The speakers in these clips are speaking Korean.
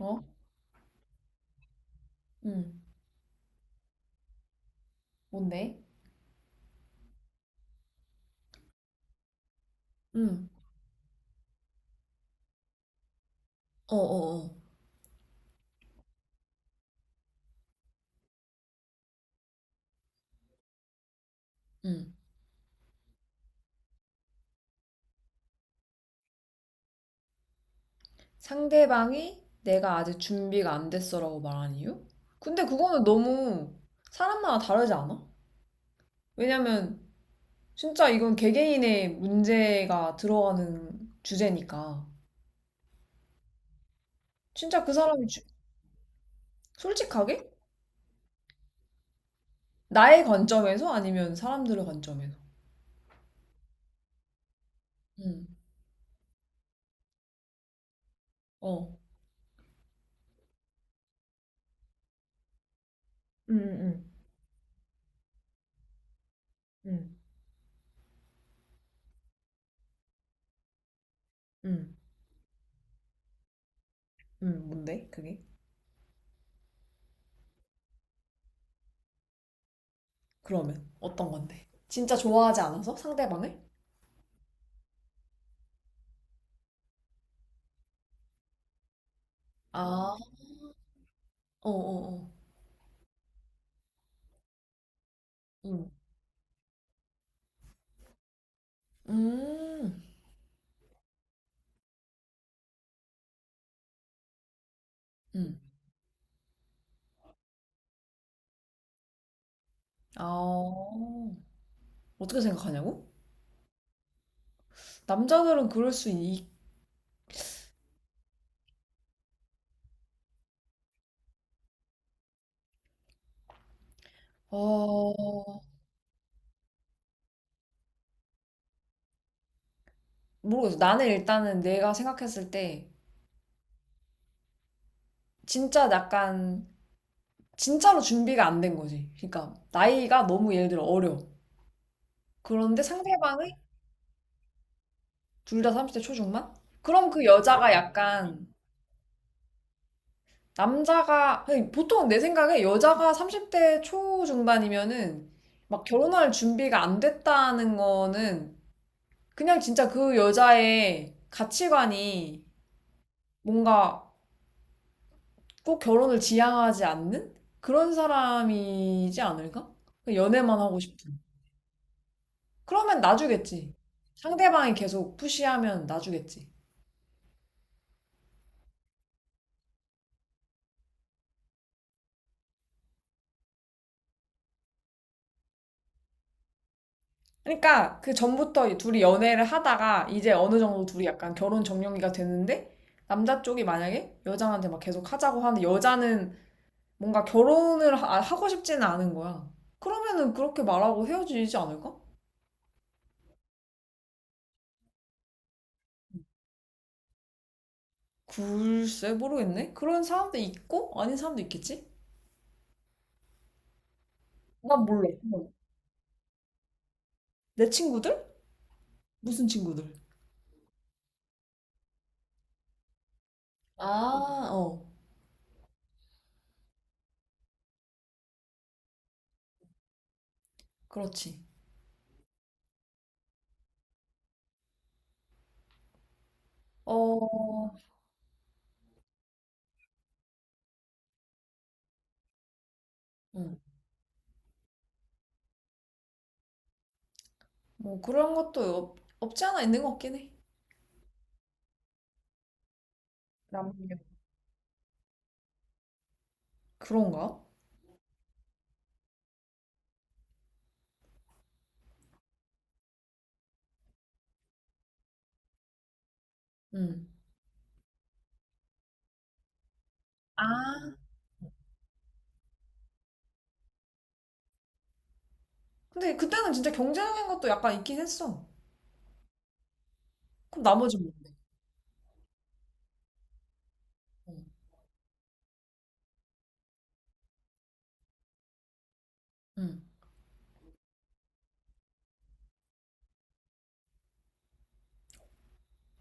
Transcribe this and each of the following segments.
어? 응. 뭔데? 응, 어어어. 응. 상대방이 내가 아직 준비가 안 됐어라고 말한 이유? 근데 그거는 너무 사람마다 다르지 않아? 왜냐면 진짜 이건 개개인의 문제가 들어가는 주제니까. 진짜 그 사람이 주- 솔직하게? 나의 관점에서 아니면 사람들의 관점에서. 응, 어. 응, 응, 응, 응. 응, 뭔데? 그게? 그러면 어떤 건데? 진짜 좋아하지 않아서 상대방을? 아, 어어어. 응. 음. 음. 아. 어떻게 생각하냐고? 남자들은 그럴 수 있. 어. 모르겠어. 나는 일단은 내가 생각했을 때 진짜 약간 진짜로 준비가 안 된 거지. 그러니까 나이가 너무 예를 들어 어려. 그런데 상대방이 둘 다 30대 초중반? 그럼 그 여자가 약간 남자가 아니, 보통 내 생각에 여자가 30대 초중반이면은 막 결혼할 준비가 안 됐다는 거는 그냥 진짜 그 여자의 가치관이 뭔가 꼭 결혼을 지향하지 않는 그런 사람이지 않을까? 연애만 하고 싶은. 그러면 놔주겠지. 상대방이 계속 푸시하면 놔주겠지. 그러니까 그 전부터 둘이 연애를 하다가 이제 어느 정도 둘이 약간 결혼 정령기가 됐는데 남자 쪽이 만약에 여자한테 막 계속 하자고 하는데 여자는 뭔가 하고 싶지는 않은 거야. 그러면은 그렇게 말하고 헤어지지 않을까? 글쎄 모르겠네. 그런 사람도 있고 아닌 사람도 있겠지? 난 몰라. 어. 내 친구들? 무슨 친구들? 아, 어, 그렇지. 어, 음. 뭐 그런 것도 없지 않아 있는 것 같긴 해. 남녀. 그런가? 응. 아. 근데 그때는 진짜 경제적인 것도 약간 있긴 했어. 그럼 나머지 뭔데? 어. 음.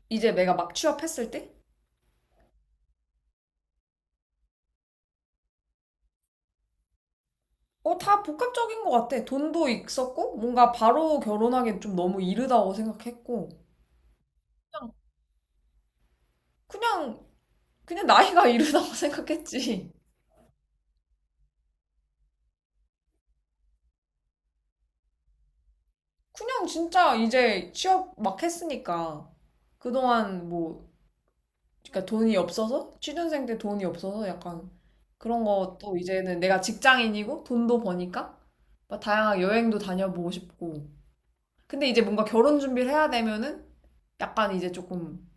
이제 내가 막 취업했을 때? 어, 다 복합적인 것 같아. 돈도 있었고, 뭔가 바로 결혼하기엔 좀 너무 이르다고 생각했고, 그냥, 그냥 나이가 이르다고 생각했지. 그냥 진짜 이제 취업 막 했으니까. 그동안 뭐, 그러니까 돈이 없어서? 취준생 때 돈이 없어서 약간 그런 것도 이제는 내가 직장인이고 돈도 버니까 막 다양한 여행도 다녀보고 싶고. 근데 이제 뭔가 결혼 준비를 해야 되면은 약간 이제 조금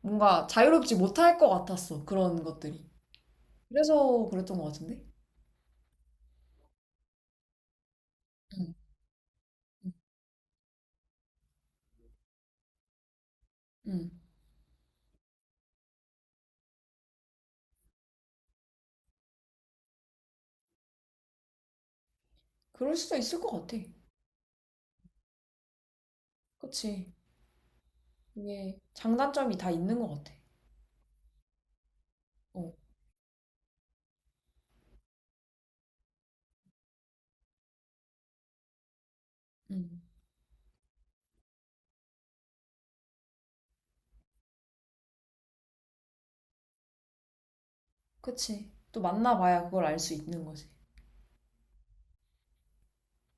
뭔가 자유롭지 못할 것 같았어. 그런 것들이. 그래서 그랬던 것 같은데? 응, 응. 응. 그럴 수도 있을 것 같아. 그치. 이게 장단점이 다 있는 것 같아. 어, 음, 그치. 또 만나봐야 그걸 알 수 있는 거지.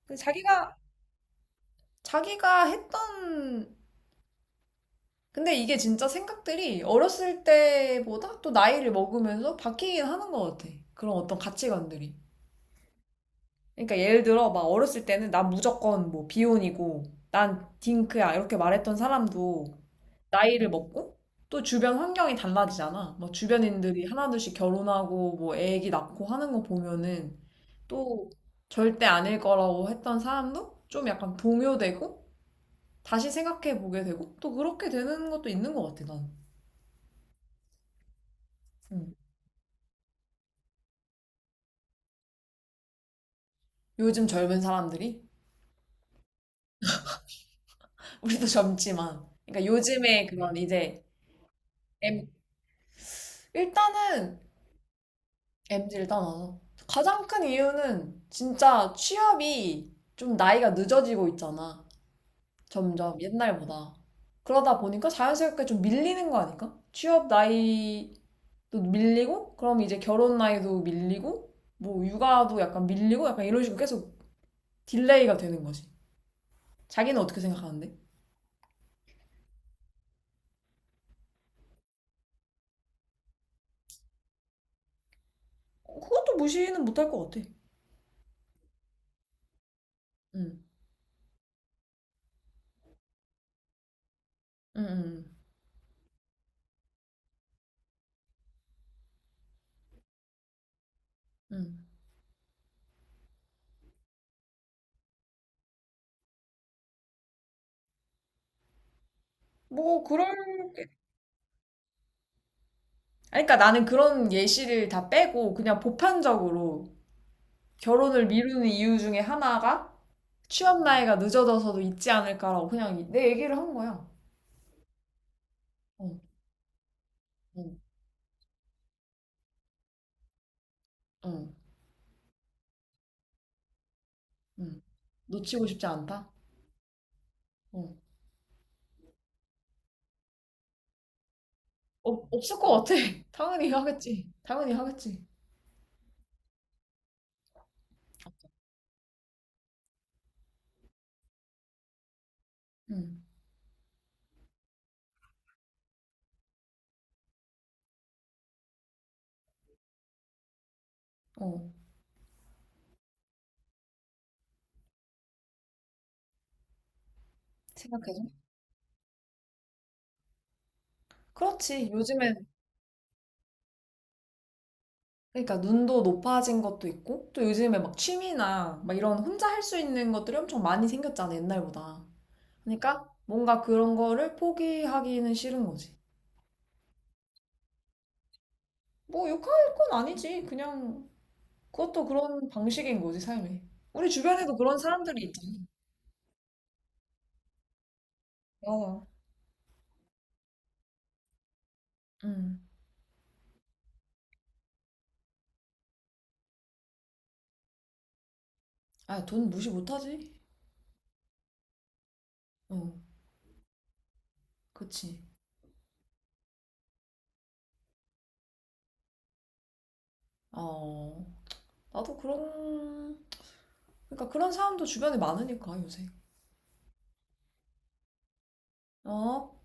근데 자기가, 자기가 했던, 근데 이게 진짜 생각들이 어렸을 때보다 또 나이를 먹으면서 바뀌긴 하는 것 같아. 그런 어떤 가치관들이. 그러니까 예를 들어, 막 어렸을 때는 난 무조건 뭐 비혼이고, 난 딩크야, 이렇게 말했던 사람도 나이를 먹고 또 주변 환경이 달라지잖아. 뭐 주변인들이 하나둘씩 결혼하고 뭐 애기 낳고 하는 거 보면은 또 절대 아닐 거라고 했던 사람도 좀 약간 동요되고 다시 생각해 보게 되고 또 그렇게 되는 것도 있는 것 같아, 난. 음. 요즘 젊은 사람들이 우리도 젊지만 그러니까 요즘에 그런 이제 M 일단은 MZ를 떠나서 가장 큰 이유는 진짜 취업이 좀 나이가 늦어지고 있잖아. 점점 옛날보다. 그러다 보니까 자연스럽게 좀 밀리는 거 아닐까? 취업 나이도 밀리고, 그럼 이제 결혼 나이도 밀리고, 뭐 육아도 약간 밀리고, 약간 이런 식으로 계속 딜레이가 되는 거지. 자기는 어떻게 생각하는데? 어, 그것도 무시는 못할 것 같아. 응, 응, 응. 뭐그런 아니, 그러니까 나는 그런 예시를 다 빼고 그냥 보편적으로 결혼을 미루는 이유 중에 하나가 취업 나이가 늦어져서도 있지 않을까라고 그냥 내 얘기를 한 거야. 어, 어. 어, 응, 놓치고 싶지 않다? 어. 없 없을 것 같아. 당연히 하겠지. 당연히 하겠지. 응, 어. 생각해줘. 그렇지. 요즘엔, 그러니까 눈도 높아진 것도 있고, 또 요즘에 막 취미나 막 이런 혼자 할 수 있는 것들이 엄청 많이 생겼잖아, 옛날보다. 그러니까 뭔가 그런 거를 포기하기는 싫은 거지. 뭐 욕할 건 아니지. 그냥 그것도 그런 방식인 거지, 삶이. 우리 주변에도 그런 사람들이 있잖아. 맞 아, 돈 무시 못하지. 어. 그치. 어, 나도 그런, 그러니까 그런 사람도 주변에 많으니까, 요새. 어,